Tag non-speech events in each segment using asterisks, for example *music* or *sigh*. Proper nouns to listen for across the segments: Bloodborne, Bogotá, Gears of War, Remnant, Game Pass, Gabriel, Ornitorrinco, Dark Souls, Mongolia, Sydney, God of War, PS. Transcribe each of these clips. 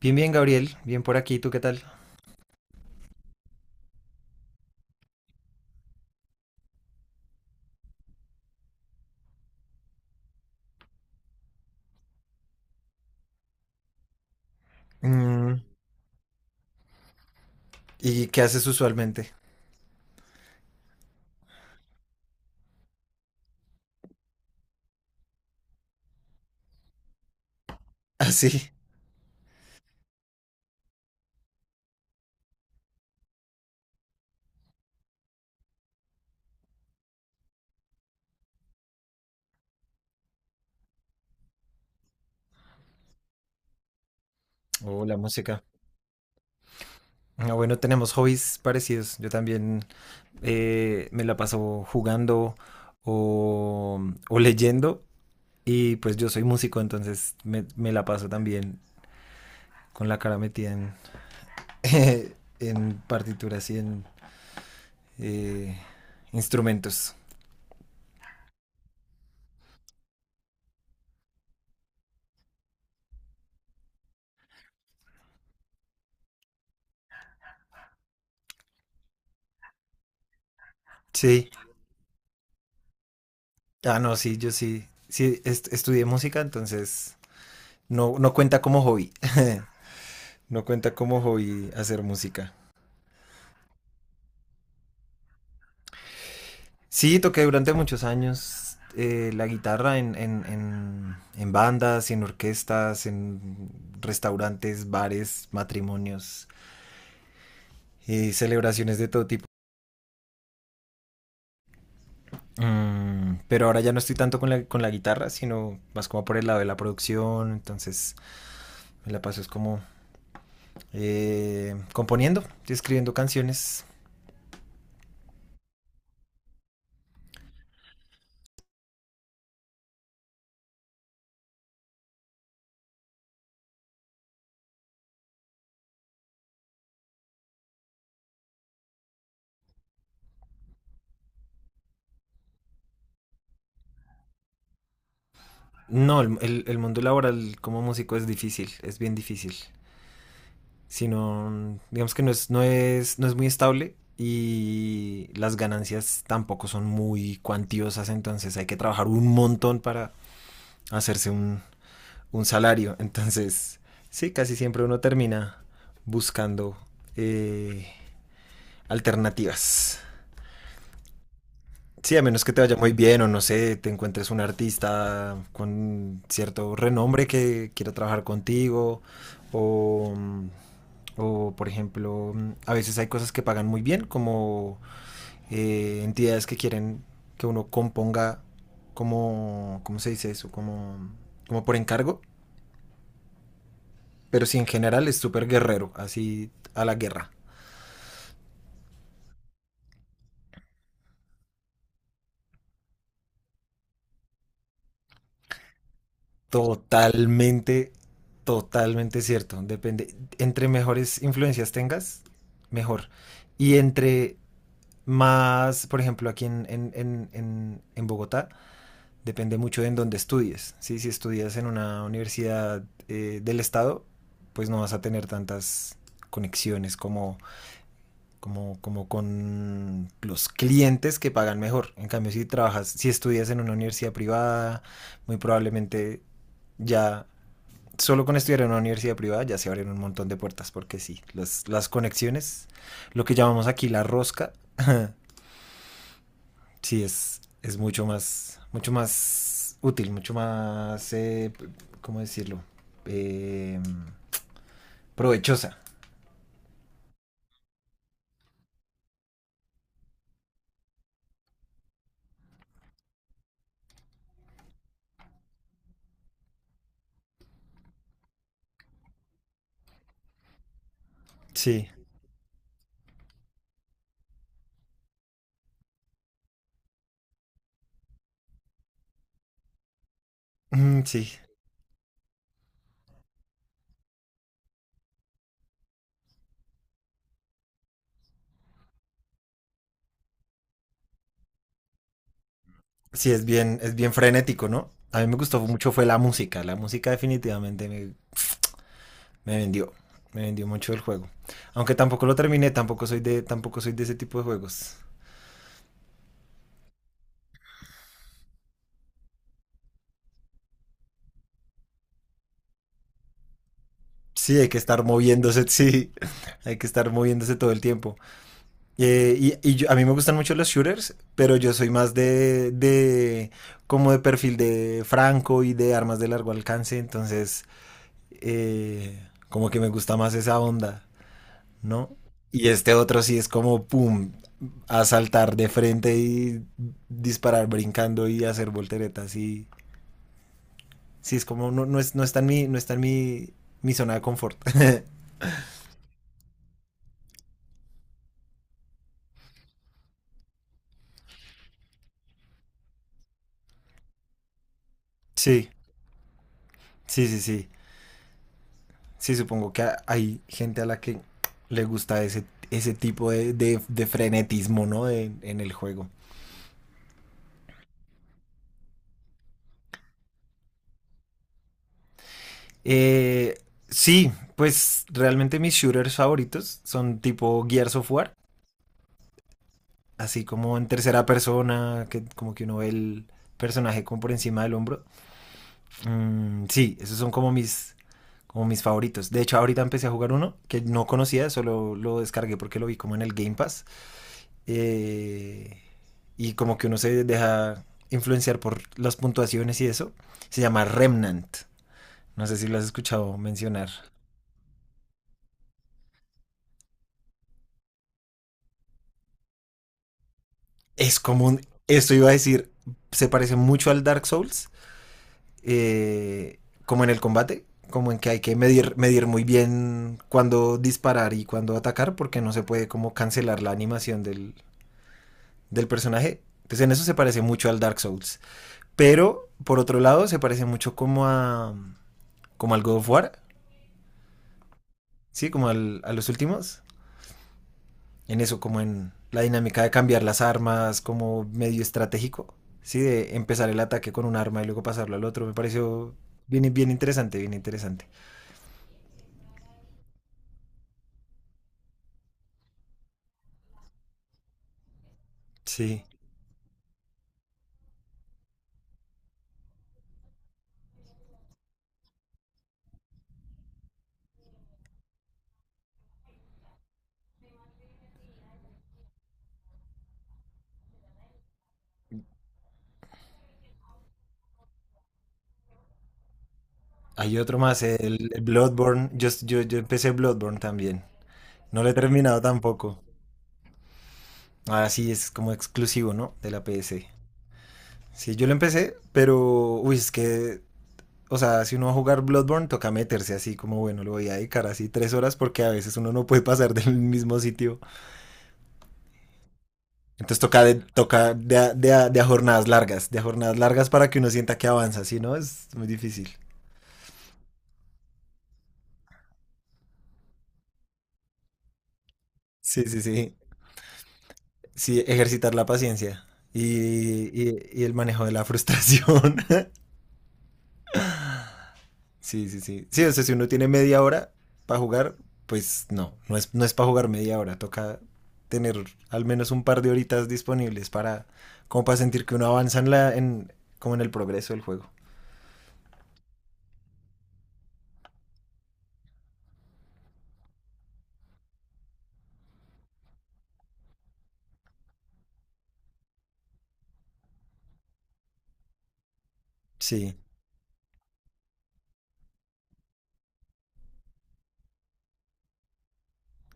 Bien, bien, Gabriel. Bien por aquí. ¿Tú qué tal? Mm, ¿y qué haces usualmente? *laughs* Así. Oh, la música. Ah, bueno, tenemos hobbies parecidos. Yo también me la paso jugando o, o leyendo. Y pues yo soy músico, entonces me la paso también con la cara metida en, *laughs* en partituras y en eh, instrumentos. Sí. Ah, no, sí, yo sí. Sí, estudié música, entonces no, no cuenta como hobby. *laughs* No cuenta como hobby hacer música. Sí, toqué durante muchos años la guitarra en bandas, en orquestas, en restaurantes, bares, matrimonios y celebraciones de todo tipo. Mm, pero ahora ya no estoy tanto con la guitarra, sino más como por el lado de la producción. Entonces me la paso es como componiendo, escribiendo canciones. No, el mundo laboral como músico es difícil, es bien difícil. Si no, digamos que no es muy estable y las ganancias tampoco son muy cuantiosas, entonces hay que trabajar un montón para hacerse un, un salario. Entonces, sí, casi siempre uno termina buscando eh, alternativas. Sí, a menos que te vaya muy bien o no sé, te encuentres un artista con cierto renombre que quiera trabajar contigo o, mm, o, por ejemplo, mm, a veces hay cosas que pagan muy bien como entidades que quieren que uno componga como, ¿cómo se dice eso? Como, como por encargo, pero sí en general es súper guerrero, así a la guerra. Totalmente, totalmente cierto. Depende. Entre mejores influencias tengas, mejor. Y entre más, por ejemplo, aquí en Bogotá, depende mucho de en dónde estudies, ¿sí? Si estudias en una universidad del estado, pues no vas a tener tantas conexiones como con los clientes que pagan mejor. En cambio, si trabajas, si estudias en una universidad privada, muy probablemente ya solo con estudiar en una universidad privada ya se abren un montón de puertas, porque sí, las conexiones, lo que llamamos aquí la rosca, *laughs* sí es mucho más útil, mucho más, ¿cómo decirlo? Eh, provechosa. Sí. Mm, sí, sí es bien frenético, ¿no? A mí me gustó mucho fue la música definitivamente me, me vendió, me vendió mucho el juego. Aunque tampoco lo terminé, tampoco soy de, tampoco soy de ese tipo de juegos. Sí, hay que estar moviéndose, *laughs* sí, hay que estar moviéndose todo el tiempo. A mí me gustan mucho los shooters, pero yo soy más de como de perfil de franco y de armas de largo alcance, entonces como que me gusta más esa onda, ¿no? Y este otro sí es como, pum, a saltar de frente y disparar brincando y hacer volteretas y sí, es como, no, no, no está no está en mi, mi zona de confort. *laughs* Sí, sí, sí, sí. Sí, supongo que hay gente a la que le gusta ese, ese tipo de frenetismo, ¿no? De- en el juego. Eh, sí, pues realmente mis shooters favoritos son tipo Gears of War, así como en tercera persona, que como que uno ve el personaje como por encima del hombro. Mm, sí, esos son como mis favoritos. De hecho, ahorita empecé a jugar uno que no conocía, solo lo descargué porque lo vi como en el Game Pass. eh, y como que uno se deja influenciar por las puntuaciones y eso, se llama Remnant. No sé si lo has escuchado mencionar. Es como un, esto iba a decir, se parece mucho al Dark Souls, eh, como en el combate, como en que hay que medir, medir muy bien cuándo disparar y cuándo atacar, porque no se puede como cancelar la animación del personaje. Entonces en eso se parece mucho al Dark Souls. Pero, por otro lado, se parece mucho como a como al God of War. Sí, como a los últimos. En eso, como en la dinámica de cambiar las armas, como medio estratégico. Sí, de empezar el ataque con un arma y luego pasarlo al otro. Me pareció bien, bien interesante, bien interesante. Sí. Hay otro más, el Bloodborne. Yo empecé Bloodborne también. No lo he terminado tampoco. Ah, sí, es como exclusivo, ¿no? De la PS. Sí, yo lo empecé, pero... Uy, es que o sea, si uno va a jugar Bloodborne, toca meterse así como, bueno, le voy a dedicar así 3 horas porque a veces uno no puede pasar *laughs* del mismo sitio. Entonces toca de, a, de, a, de a jornadas largas, de a jornadas largas para que uno sienta que avanza, ¿sí? ¿No? Es muy difícil. Sí, sí, sí. Sí, ejercitar la paciencia y, y el manejo de la frustración. *laughs* Sí, sí, sí. Sí, o sea, si uno tiene media hora para jugar, pues no es, no es para jugar media hora, toca tener al menos un par de horitas disponibles para, como para sentir que uno avanza en, como en el progreso del juego. Sí,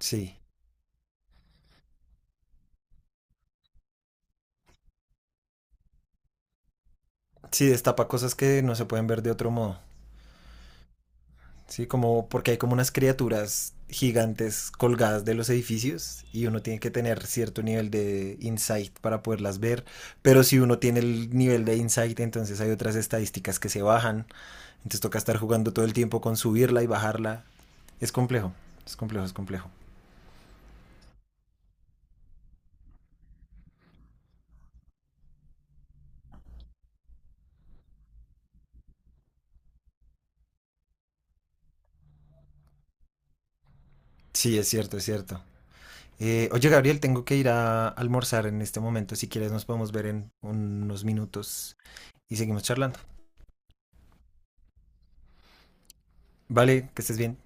sí. Sí, destapa cosas que no se pueden ver de otro modo. Sí, como porque hay como unas criaturas gigantes colgadas de los edificios y uno tiene que tener cierto nivel de insight para poderlas ver, pero si uno tiene el nivel de insight, entonces hay otras estadísticas que se bajan. Entonces toca estar jugando todo el tiempo con subirla y bajarla. Es complejo, es complejo, es complejo. Sí, es cierto, es cierto. Oye, Gabriel, tengo que ir a almorzar en este momento. Si quieres, nos podemos ver en unos minutos y seguimos charlando. Vale, que estés bien.